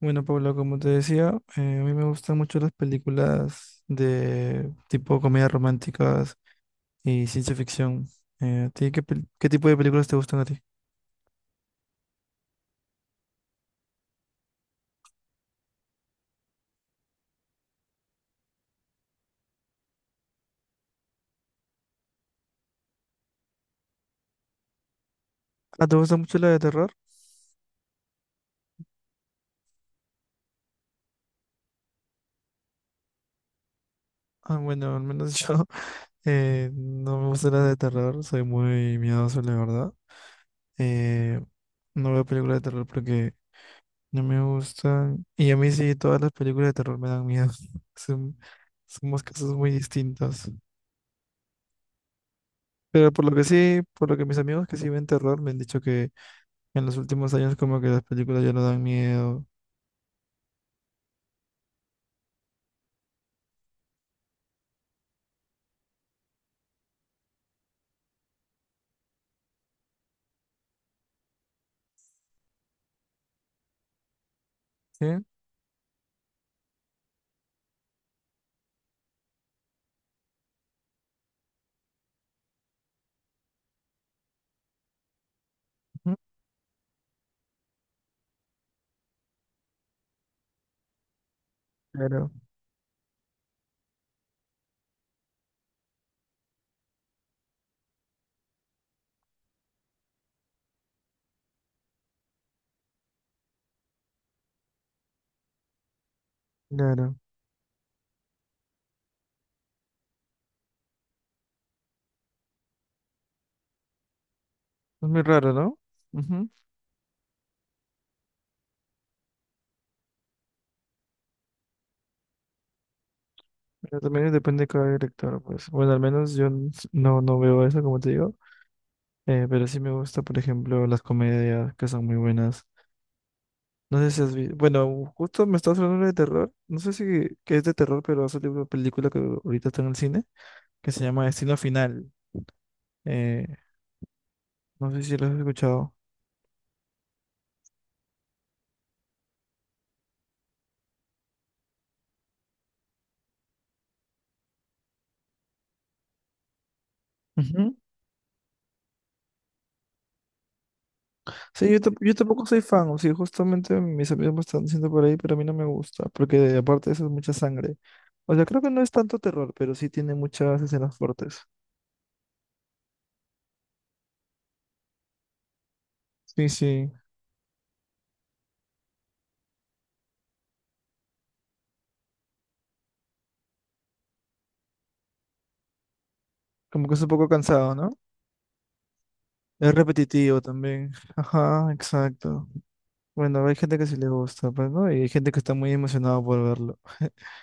Bueno, Paula, como te decía, a mí me gustan mucho las películas de tipo comedias románticas y ciencia ficción. ¿A ti qué, qué tipo de películas te gustan a ti? Ah, ¿te gusta mucho la de terror? Ah, bueno, al menos yo no me gusta la de terror, soy muy miedoso, la verdad. Eh, no veo películas de terror porque no me gustan. Y a mí sí, todas las películas de terror me dan miedo. Son, somos casos muy distintos. Pero por lo que sí, por lo que mis amigos que sí ven terror me han dicho que en los últimos años como que las películas ya no dan miedo. Sí, ujú. Claro, claro. Es muy raro, ¿no? Ujú. Pero también depende de cada director, pues. Bueno, al menos yo no, no veo eso, como te digo. Pero sí me gusta, por ejemplo, las comedias que son muy buenas. No sé si has visto. Bueno, justo me estás hablando de terror. No sé si que es de terror, pero ha salido una película que ahorita está en el cine que se llama Destino Final. Eh, no sé si lo has escuchado. Sí, yo, yo tampoco soy fan, o sea, justamente mis amigos me están diciendo por ahí, pero a mí no me gusta, porque aparte de eso es mucha sangre. O sea, creo que no es tanto terror, pero sí tiene muchas escenas fuertes. Sí, sí, como que es un poco cansado, ¿no? Es repetitivo también. Ajá, exacto. Bueno, hay gente que sí le gusta, pues, ¿no? Y hay gente que está muy emocionada por verlo.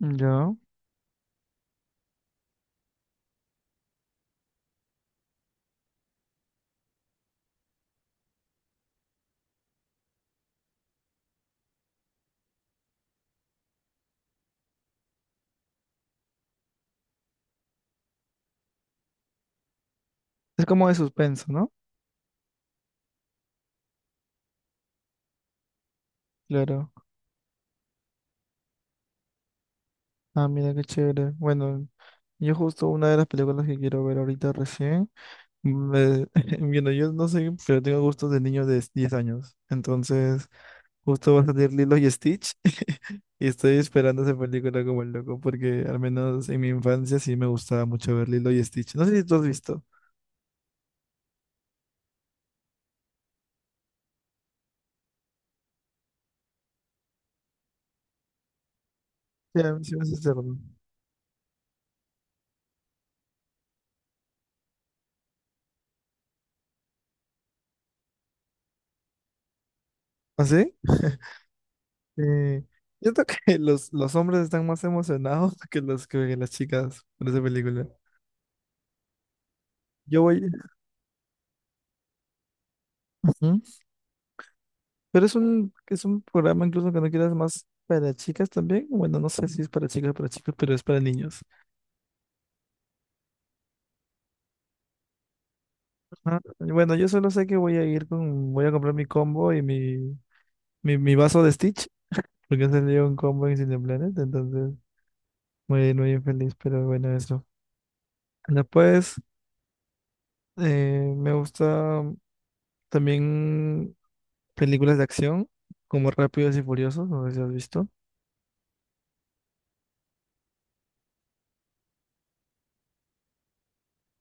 Ya. Es como de suspenso, ¿no? Claro. Ah, mira qué chévere. Bueno, yo justo una de las películas que quiero ver ahorita recién. Me- Bueno, yo no sé, pero tengo gustos de niño de 10 años. Entonces, justo va a salir Lilo y Stitch y estoy esperando esa película como el loco, porque al menos en mi infancia sí me gustaba mucho ver Lilo y Stitch. No sé si tú has visto. Ya, a mí sí me hace cerdo. ¿Ah, sí? Eh, yo creo que los hombres están más emocionados que los que las chicas por esa película. Yo voy. Pero es un programa incluso que no quieras más para chicas también. Bueno, no sé si es para chicas o para chicos, pero es para niños. Ah, bueno, yo solo sé que voy a ir con, voy a comprar mi combo y mi, mi vaso de Stitch, porque salió un combo en Cineplanet, entonces muy, muy feliz, pero bueno, eso. Después, me gusta también películas de acción, como Rápidos y Furiosos, no sé si has visto.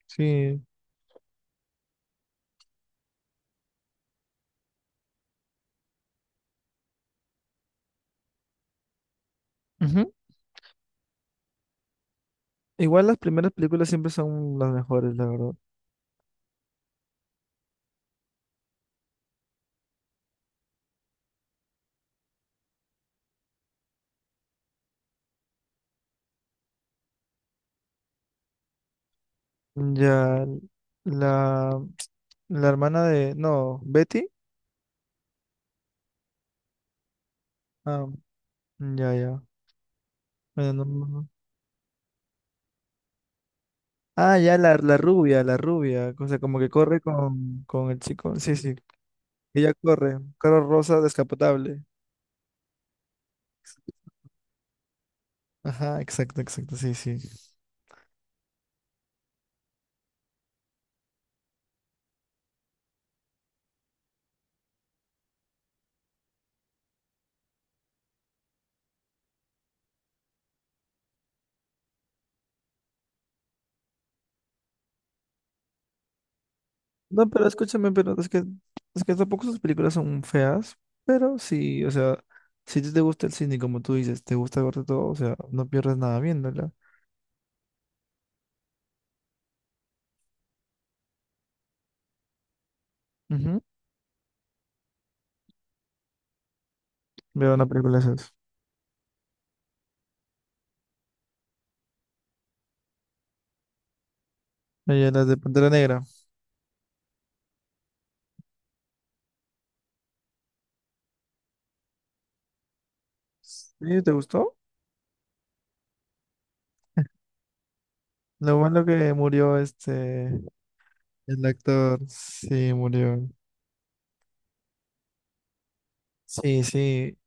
Sí. Ujú. Igual las primeras películas siempre son las mejores, la verdad. Ya. La, la hermana de... No, Betty. Ah, mm, ya, ya. Bueno, no. Ah, ya, la rubia, la rubia. O sea, como que corre con el chico. Sí, sí. Ella corre. Carro rosa descapotable. Ajá, exacto, exacto. Sí, sí. No, pero escúchame, pero es que tampoco esas películas son feas, pero sí, o sea, si a ti te gusta el cine, como tú dices, te gusta verte todo, o sea, no pierdes nada viéndola. Ujú. Veo una película de esas. Ella, las de Pantera Negra. ¿Sí? ¿Te gustó? Lo bueno que murió este, el actor, sí, murió. Sí, sí,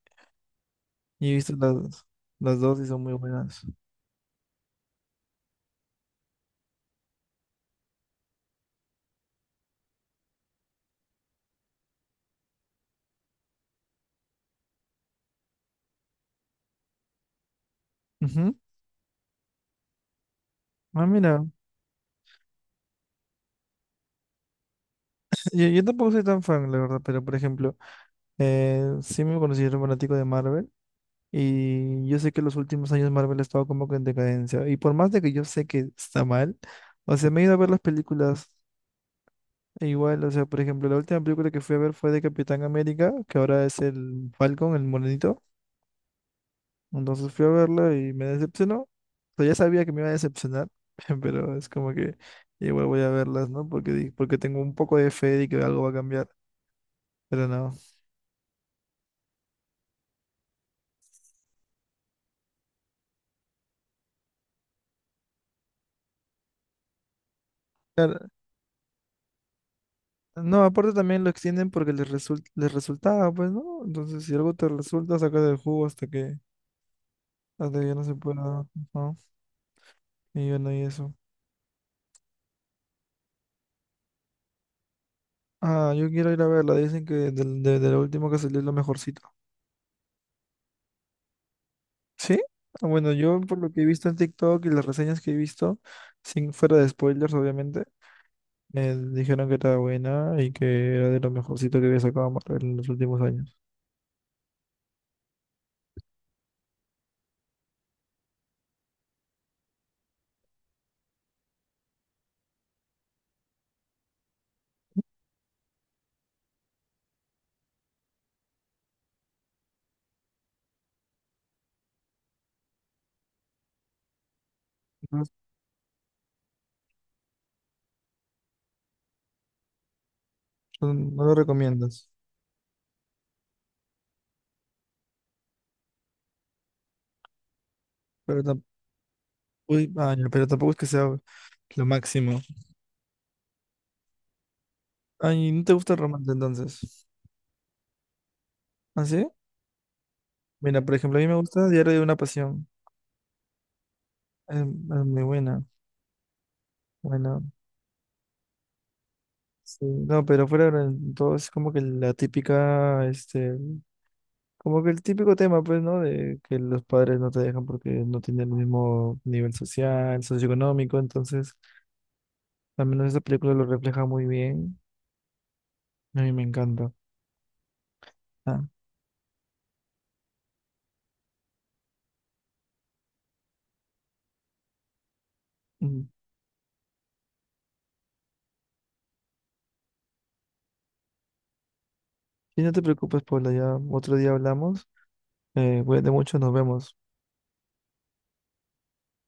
y he visto las dos y son muy buenas. Ujú. Ah, mira, yo tampoco soy tan fan, la verdad, pero por ejemplo, sí me considero fanático de Marvel y yo sé que los últimos años Marvel ha estado como que en decadencia y por más de que yo sé que está mal, o sea, me he ido a ver las películas e igual, o sea, por ejemplo, la última película que fui a ver fue de Capitán América, que ahora es el Falcon, el morenito. Entonces fui a verla y me decepcionó. O sea, ya sabía que me iba a decepcionar, pero es como que igual voy a verlas, ¿no? Porque, porque tengo un poco de fe de que algo va a cambiar, pero no. Claro, no, aparte también lo extienden porque les resulta, les resultaba, pues, ¿no? Entonces, si algo te resulta, saca del jugo hasta que ya no se pueda, ¿no? Y bueno, y eso. Ah, yo quiero ir a verla. Dicen que de lo último que salió es lo mejorcito. ¿Sí? Ah, bueno, yo por lo que he visto en TikTok y las reseñas que he visto, sin fuera de spoilers, obviamente. Me dijeron que estaba buena y que era de lo mejorcito que había sacado Marvel en los últimos años. No, no lo recomiendas, pero tampoco, pero tampoco es que sea lo máximo. Ay, ¿no te gusta el romance entonces? ¿Ah, sí? Mira, por ejemplo, a mí me gusta Diario de una Pasión. Es muy buena. Bueno, sí. No, pero fuera de todo es como que la típica, este, como que el típico tema, pues, ¿no? De que los padres no te dejan porque no tienen el mismo nivel social, socioeconómico, entonces al menos esta película lo refleja muy bien. A mí me encanta. Ah, mm. Y no te preocupes, Paula, ya otro día hablamos. Cuídate mucho, nos vemos.